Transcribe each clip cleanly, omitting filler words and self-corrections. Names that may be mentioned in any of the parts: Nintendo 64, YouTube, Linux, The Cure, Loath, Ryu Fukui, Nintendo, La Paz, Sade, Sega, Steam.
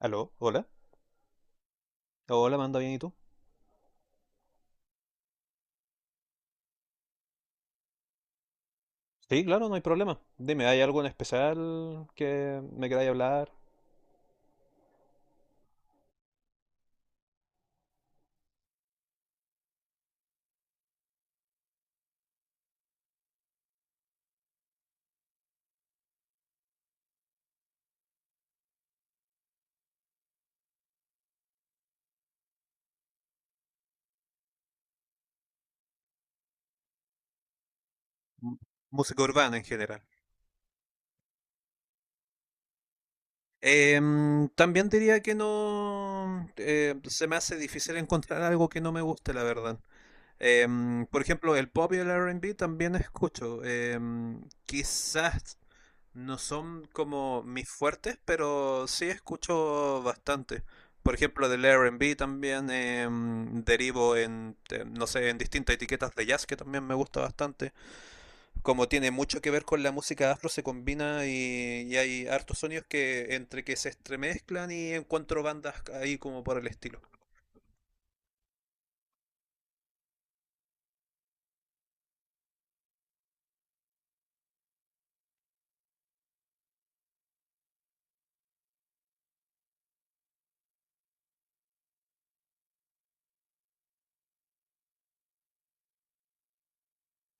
Aló, hola. Hola, manda bien, ¿y tú? Sí, claro, no hay problema. Dime, ¿hay algo en especial que me queráis hablar? M- música urbana en general. También diría que no se me hace difícil encontrar algo que no me guste, la verdad. Em, por ejemplo, el pop y el R&B también escucho. Quizás no son como mis fuertes, pero sí escucho bastante. Por ejemplo, del R&B también derivo en, no sé, en distintas etiquetas de jazz que también me gusta bastante. Como tiene mucho que ver con la música afro, se combina y hay hartos sonidos que entre que se estremezclan y encuentro bandas ahí como por el estilo.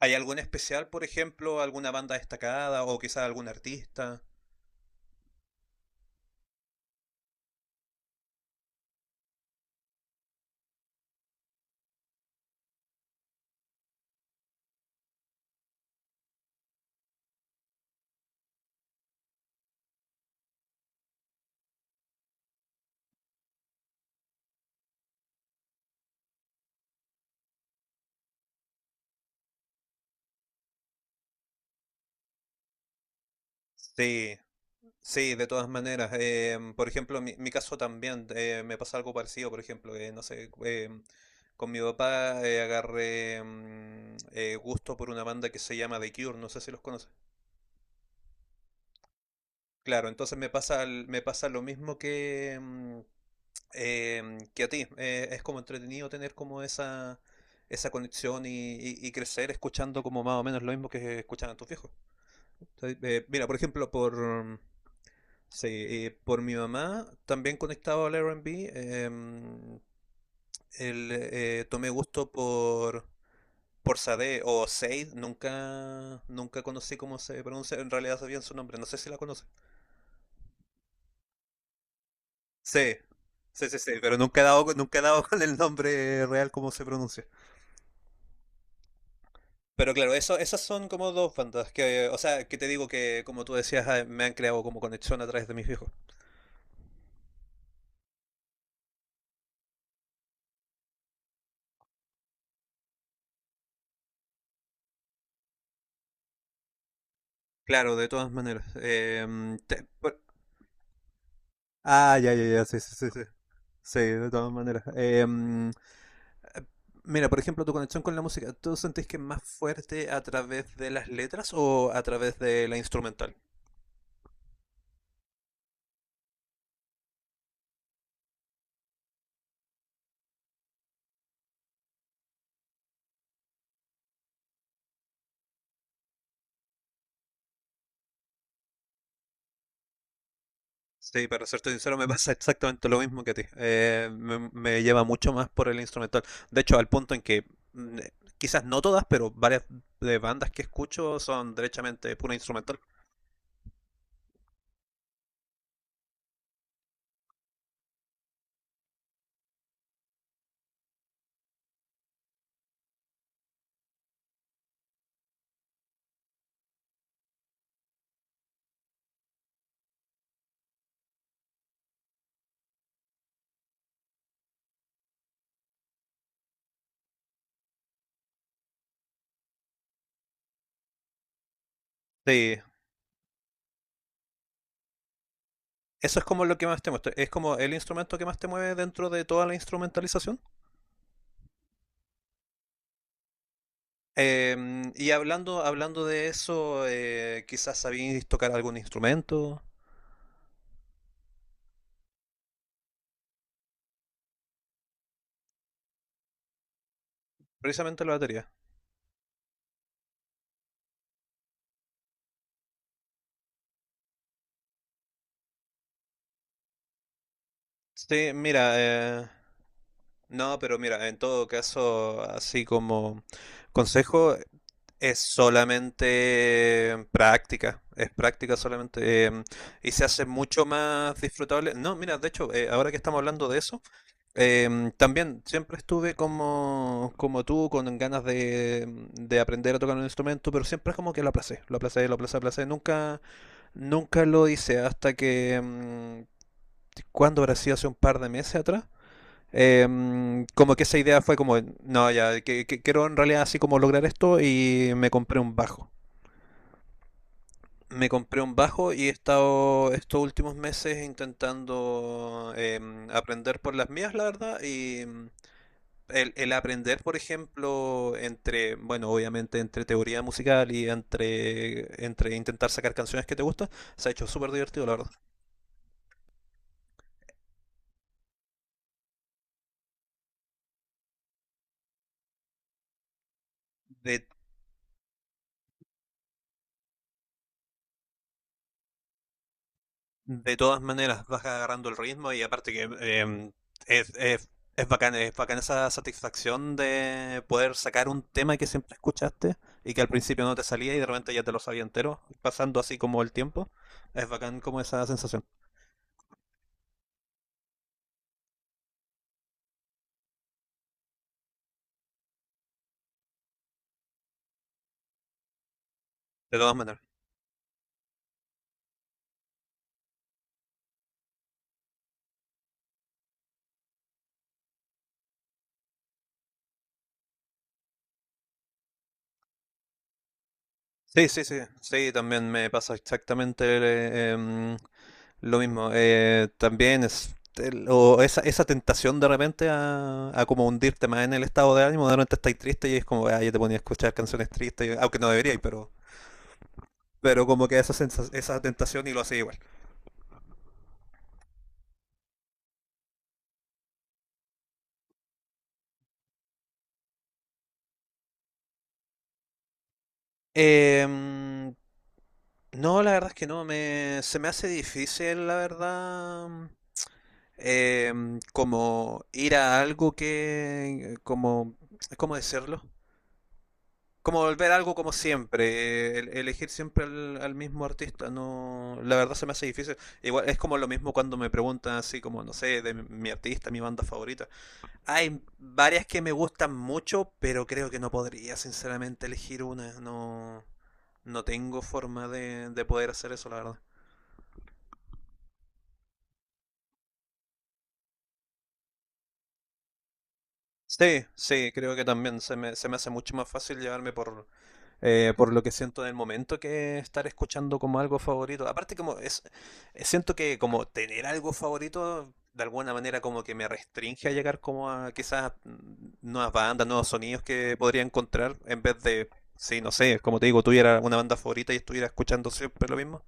¿Hay alguna especial, por ejemplo, alguna banda destacada o quizás algún artista? Sí, sí, de todas maneras. Por ejemplo, mi caso también me pasa algo parecido. Por ejemplo, no sé, con mi papá agarré gusto por una banda que se llama The Cure. No sé si los conoces. Claro, entonces me pasa, el- me pasa lo mismo que, que a ti. Es como entretenido tener como esa conexión y crecer escuchando como más o menos lo mismo que escuchaban tus viejos. Entonces, mira, por ejemplo, por, sí, y por mi mamá, también conectado al R&B, em, el, tomé gusto por Sade o Sade, nunca, nunca conocí cómo se pronuncia, en realidad sabía su nombre, no sé si la conoce. Sí, sí, sí, sí, pero nunca he dado, con- nunca he dado con el nombre real cómo se pronuncia. Pero claro, eso, esas son como dos bandas que, o sea, que te digo que, como tú decías, ah, me han creado como conexión a través de mis viejos. Claro, de todas maneras. Te- ah, ya, ya, ya, sí, sí, sí, sí. Sí, de todas maneras. Eh, Mira, por ejemplo, tu conexión con la música, ¿tú sentís que es más fuerte a través de las letras o a través de la instrumental? Sí, para serte sincero, me pasa exactamente lo mismo que a ti. Me lleva mucho más por el instrumental. De hecho, al punto en que quizás no todas, pero varias de bandas que escucho son derechamente pura instrumental. Sí, eso es como lo que más te muestra. Es como el instrumento que más te mueve dentro de toda la instrumentalización. Y hablando de eso, quizás sabéis tocar algún instrumento, precisamente la batería. Sí, mira, no, pero mira, en todo caso, así como consejo, es solamente práctica, es práctica solamente, y se hace mucho más disfrutable. No, mira, de hecho, ahora que estamos hablando de eso, también siempre estuve como, como tú, con ganas de aprender a tocar un instrumento, pero siempre es como que lo aplacé, lo aplacé, lo aplacé, aplacé. Nunca, nunca lo hice hasta que, ¿cuándo habrá sido? Hace un par de meses atrás. Como que esa idea fue como, no, ya, que quiero en realidad así como lograr esto y me compré un bajo. Me compré un bajo y he estado estos últimos meses intentando aprender por las mías, la verdad, y el aprender, por ejemplo, entre, bueno, obviamente entre teoría musical y entre, entre intentar sacar canciones que te gustan, se ha hecho súper divertido, la verdad. De de todas maneras vas agarrando el ritmo y aparte que es, es, es bacán esa satisfacción de poder sacar un tema que siempre escuchaste y que al principio no te salía y de repente ya te lo sabía entero, pasando así como el tiempo. Es bacán como esa sensación. De todas maneras. Sí, sí, sí. Sí, también me pasa exactamente lo mismo, también es el- o esa tentación de repente a como hundirte más en el estado de ánimo, de repente estáis triste y es como, ah, yo te ponía a escuchar canciones tristes, y- aunque no deberíais, pero como que esa, sensa- esa tentación y lo hacía igual. Em, no, la verdad es que no, me, se me hace difícil, la verdad, eh, como ir a algo que, como, ¿cómo decirlo? Como volver a algo como siempre, el- elegir siempre al, al mismo artista, no, la verdad se me hace difícil. Igual es como lo mismo cuando me preguntan así como, no sé, de mi, mi artista, mi banda favorita. Hay varias que me gustan mucho, pero creo que no podría sinceramente elegir una, no, no tengo forma de poder hacer eso, la verdad. Sí, sí, creo que también se me hace mucho más fácil llevarme por lo que siento en el momento que estar escuchando como algo favorito. Aparte como es, siento que como tener algo favorito de alguna manera como que me restringe a llegar como a quizás nuevas bandas, nuevos sonidos que podría encontrar en vez de, sí, no sé, como te digo, tuviera una banda favorita y estuviera escuchando siempre lo mismo.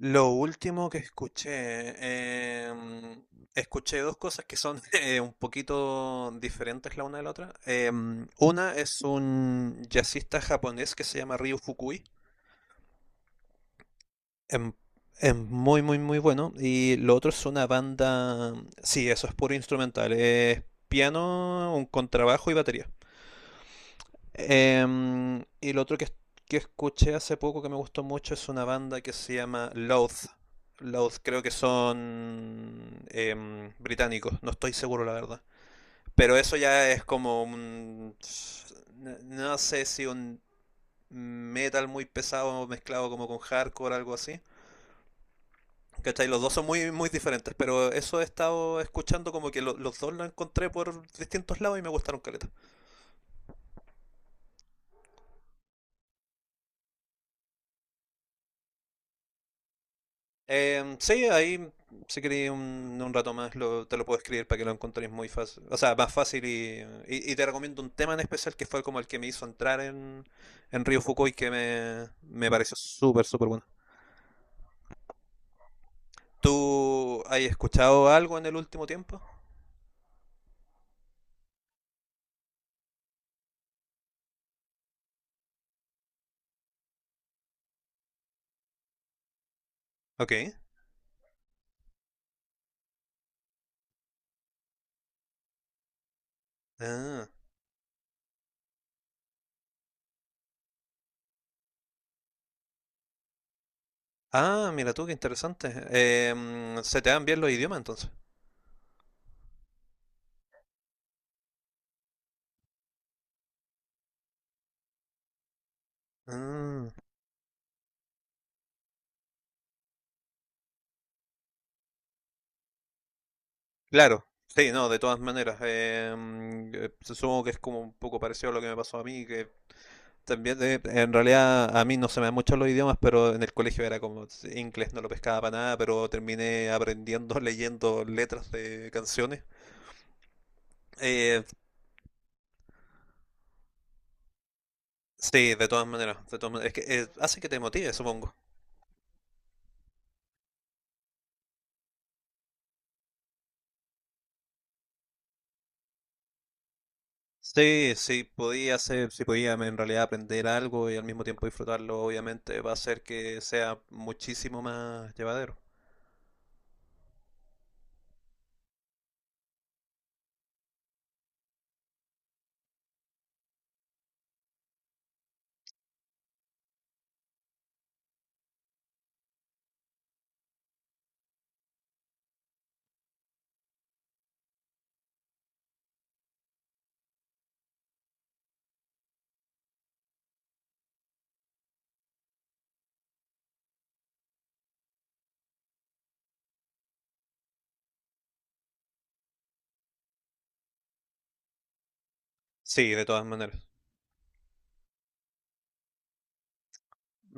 Lo último que escuché, escuché dos cosas que son un poquito diferentes la una de la otra. Em, una es un jazzista japonés que se llama Ryu Fukui. Em, es muy, muy, muy bueno. Y lo otro es una banda... Sí, eso es puro instrumental. Es piano, un contrabajo y batería. Y lo otro que escuché hace poco que me gustó mucho es una banda que se llama Loath. Loath creo que son británicos, no estoy seguro la verdad. Pero eso ya es como un... n- no sé si un metal muy pesado mezclado como con hardcore algo así. ¿Cachai? Los dos son muy, muy diferentes, pero eso he estado escuchando como que lo- los dos lo encontré por distintos lados y me gustaron caleta. Sí, ahí si queréis un rato más lo- te lo puedo escribir para que lo encontréis muy fácil, o sea, más fácil y te recomiendo un tema en especial que fue como el que me hizo entrar en Río Fukui que me pareció súper, súper bueno. ¿Tú has escuchado algo en el último tiempo? Ok. Ah, ah, mira tú, qué interesante. Se te dan bien los idiomas entonces. Ah, claro. Sí, no, de todas maneras. Supongo que es como un poco parecido a lo que me pasó a mí, que también, en realidad, a mí no se me dan mucho los idiomas, pero en el colegio era como sí, inglés, no lo pescaba para nada, pero terminé aprendiendo leyendo letras de canciones. Eh, sí, de todas maneras, de todas maneras. Es que hace que te motive, supongo. Sí, sí, podía hacer, si podía en realidad aprender algo y al mismo tiempo disfrutarlo, obviamente va a hacer que sea muchísimo más llevadero. Sí, de todas maneras,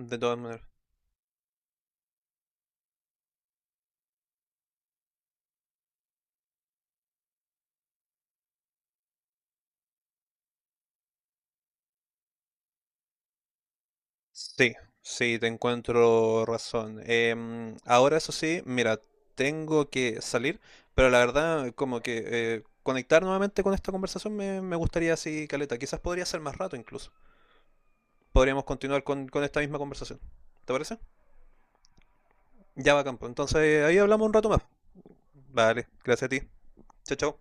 de todas maneras. Sí, sí, te encuentro razón. Ahora eso sí, mira, tengo que salir, pero la verdad, como que conectar nuevamente con esta conversación me, me gustaría así, caleta. Quizás podría ser más rato incluso. Podríamos continuar con esta misma conversación. ¿Te parece? Ya va, campo. Entonces ahí hablamos un rato más. Vale, gracias a ti. Chao, chao.